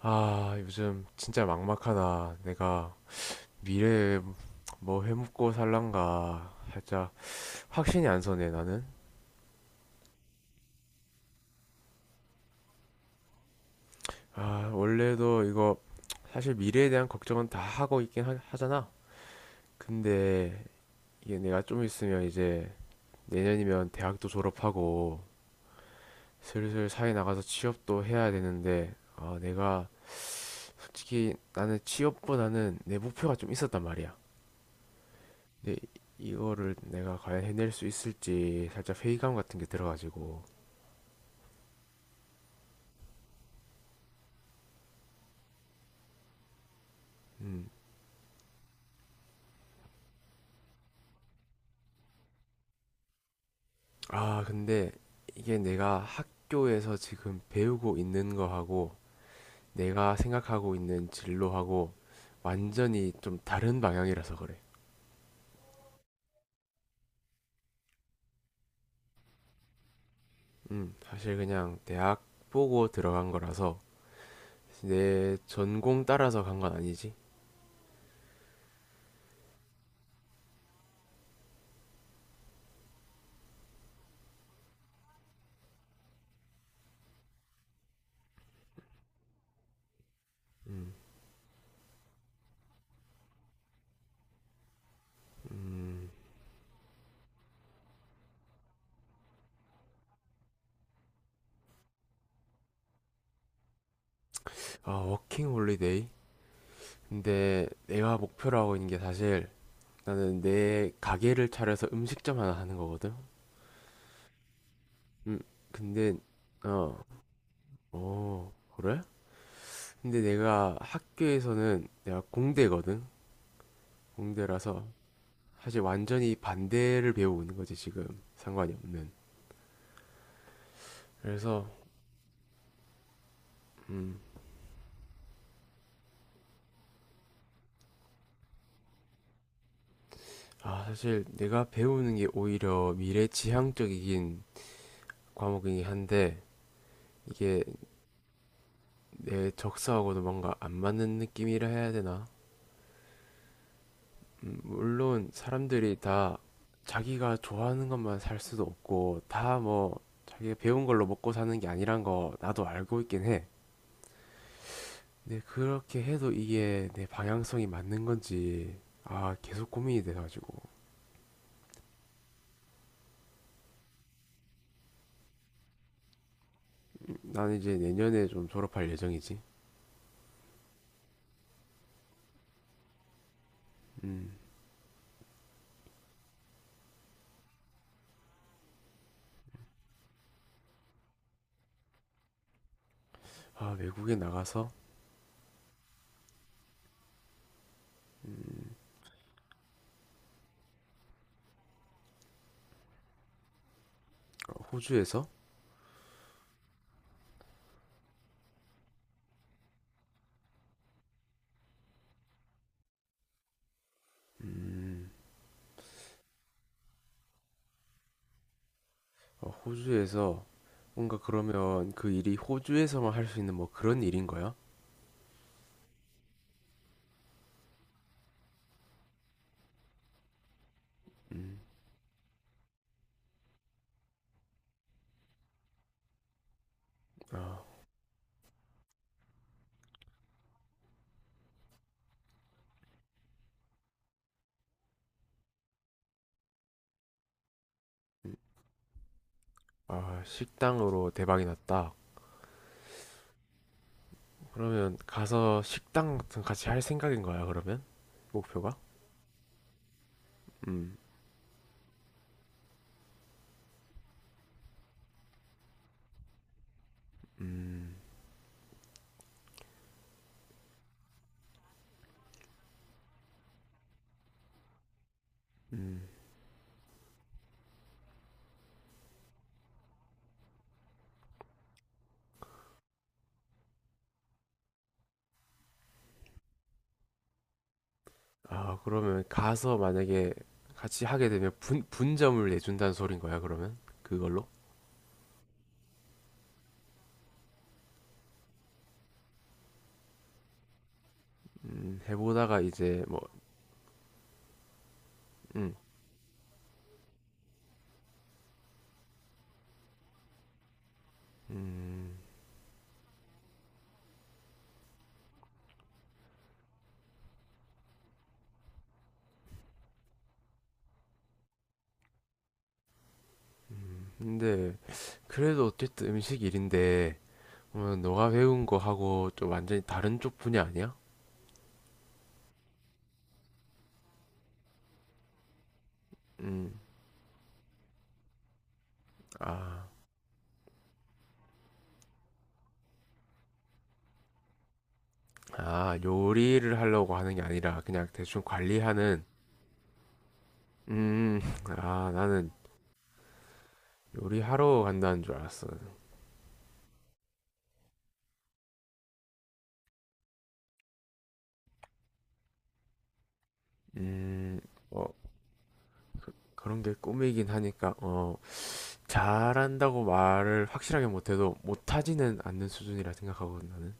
아, 요즘 진짜 막막하다. 내가 미래에 뭐 해먹고 살란가. 살짝 확신이 안 서네, 나는. 아, 원래도 이거 사실 미래에 대한 걱정은 다 하고 있긴 하잖아. 근데 이게 내가 좀 있으면 이제 내년이면 대학도 졸업하고 슬슬 사회 나가서 취업도 해야 되는데, 아, 내가 솔직히 나는 취업보다는 내 목표가 좀 있었단 말이야. 근데 이거를 내가 과연 해낼 수 있을지 살짝 회의감 같은 게 들어가지고. 음. 아, 근데 이게 내가 학교에서 지금 배우고 있는 거하고 내가 생각하고 있는 진로하고 완전히 좀 다른 방향이라서 그래. 사실 그냥 대학 보고 들어간 거라서 내 전공 따라서 간 건 아니지. 음, 음, 아, 워킹 홀리데이? 근데 내가 목표로 하고 있는 게 사실 나는 내 가게를 차려서 음식점 하나 하는 거거든. 음, 근데 어, 어, 그래? 근데 내가 학교에서는 내가 공대거든. 공대라서 사실 완전히 반대를 배우는 거지 지금 상관이 없는. 그래서 음, 아, 사실 내가 배우는 게 오히려 미래 지향적이긴 과목이긴 한데 이게 내 적성하고도 뭔가 안 맞는 느낌이라 해야 되나? 물론 사람들이 다 자기가 좋아하는 것만 살 수도 없고 다 뭐 자기가 배운 걸로 먹고 사는 게 아니란 거 나도 알고 있긴 해. 근데 그렇게 해도 이게 내 방향성이 맞는 건지 아, 계속 고민이 돼가지고. 나는 이제 내년에 좀 졸업할 예정이지. 음, 아, 외국에 나가서 호주에서. 음, 어, 호주에서 뭔가 그러면 그 일이 호주에서만 할 수 있는 뭐 그런 일인 거야? 아, 아, 식당으로 대박이 났다. 그러면 가서 식당 같은 거 같이 할 생각인 거야, 그러면? 목표가? 음, 음, 음. 아, 그러면 가서 만약에 같이 하게 되면 분점을 내준다는 소린 거야, 그러면? 그걸로? 해보다가 이제 뭐, 음, 음. 근데 그래도 어쨌든 음식 일인데, 어, 너가 배운 거 하고 좀 완전히 다른 쪽 분야 아니야? 음, 아, 아, 요리를 하려고 하는 게 아니라 그냥 대충 관리하는. 음, 아, 나는 요리하러 간다는 줄 알았어. 음, 어, 그, 런게 꿈이긴 하니까, 어, 잘한다고 말을 확실하게 못해도 못하지는 않는 수준이라 생각하거든, 나는.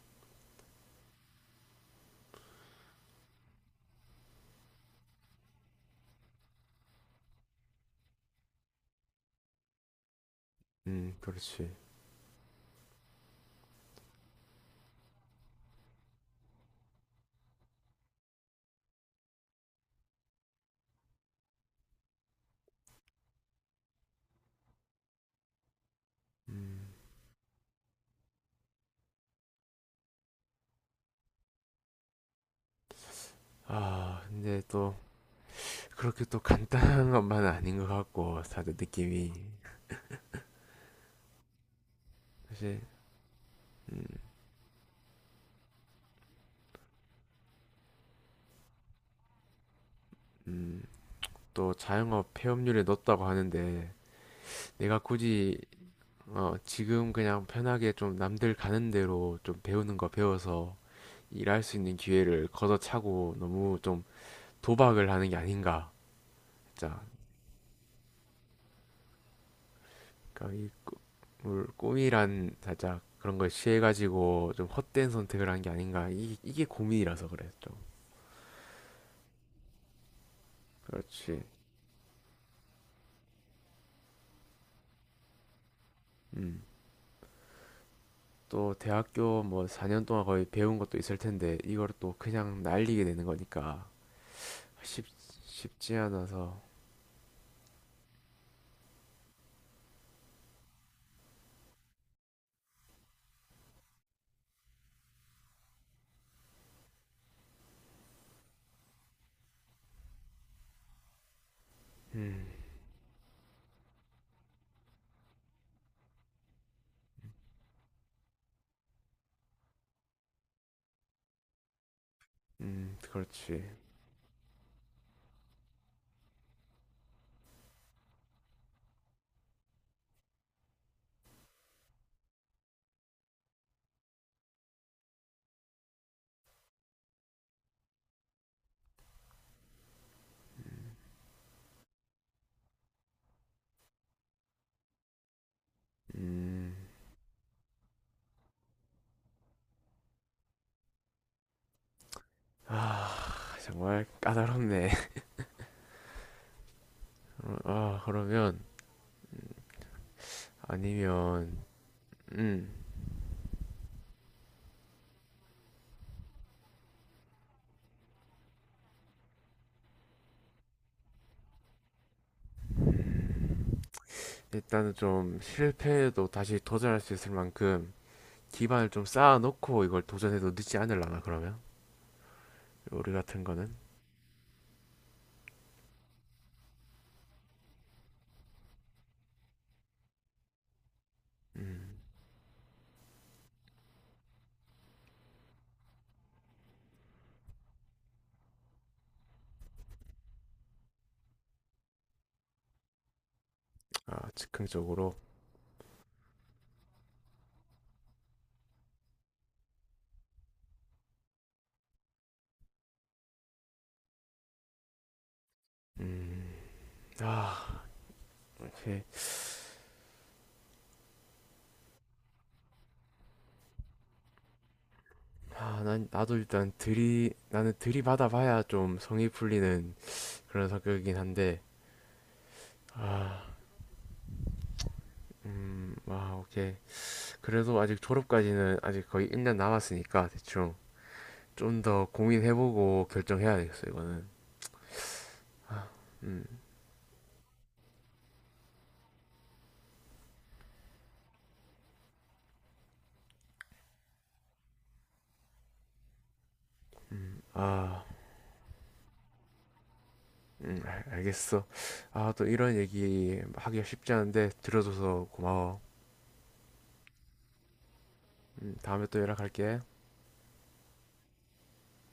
그렇지. 음. 아, 근데 또, 그렇게 또 간단한 것만은 아닌 것 같고, 다들 느낌이. 사실, 음, 음, 또 자영업 폐업률에 넣었다고 하는데, 내가 굳이 어, 지금 그냥 편하게 좀 남들 가는 대로 좀 배우는 거 배워서 일할 수 있는 기회를 걷어차고 너무 좀 도박을 하는 게 아닌가. 진짜. 그러니까 이 꿈이란 살짝 그런 걸 취해가지고 좀 헛된 선택을 한 게 아닌가. 이게 고민이라서 그래, 좀. 그렇지. 음. 또 대학교 뭐 4년 동안 거의 배운 것도 있을 텐데 이걸 또 그냥 날리게 되는 거니까 쉽, 쉽지 않아서. 음, 그렇지. 음. 아, 정말 까다롭네. 아, 그러면 아니면 음. 일단은 좀 실패해도 다시 도전할 수 있을 만큼 기반을 좀 쌓아놓고 이걸 도전해도 늦지 않으려나, 그러면 요리 같은 거는. 음. 아, 즉흥적으로. 음. 아, 이렇게 아, 난 나도 일단 들이 나는 들이받아 봐야 좀 성이 풀리는 그런 성격이긴 한데 아, 아, 오케이. 그래도 아직 졸업까지는 아직 거의 1년 남았으니까 대충 좀 더 고민해보고 결정해야 되겠어 이거는. 음, 아, 알겠어. 아, 또 이런 얘기 하기가 쉽지 않은데 들어줘서 고마워. 다음에 또 연락할게.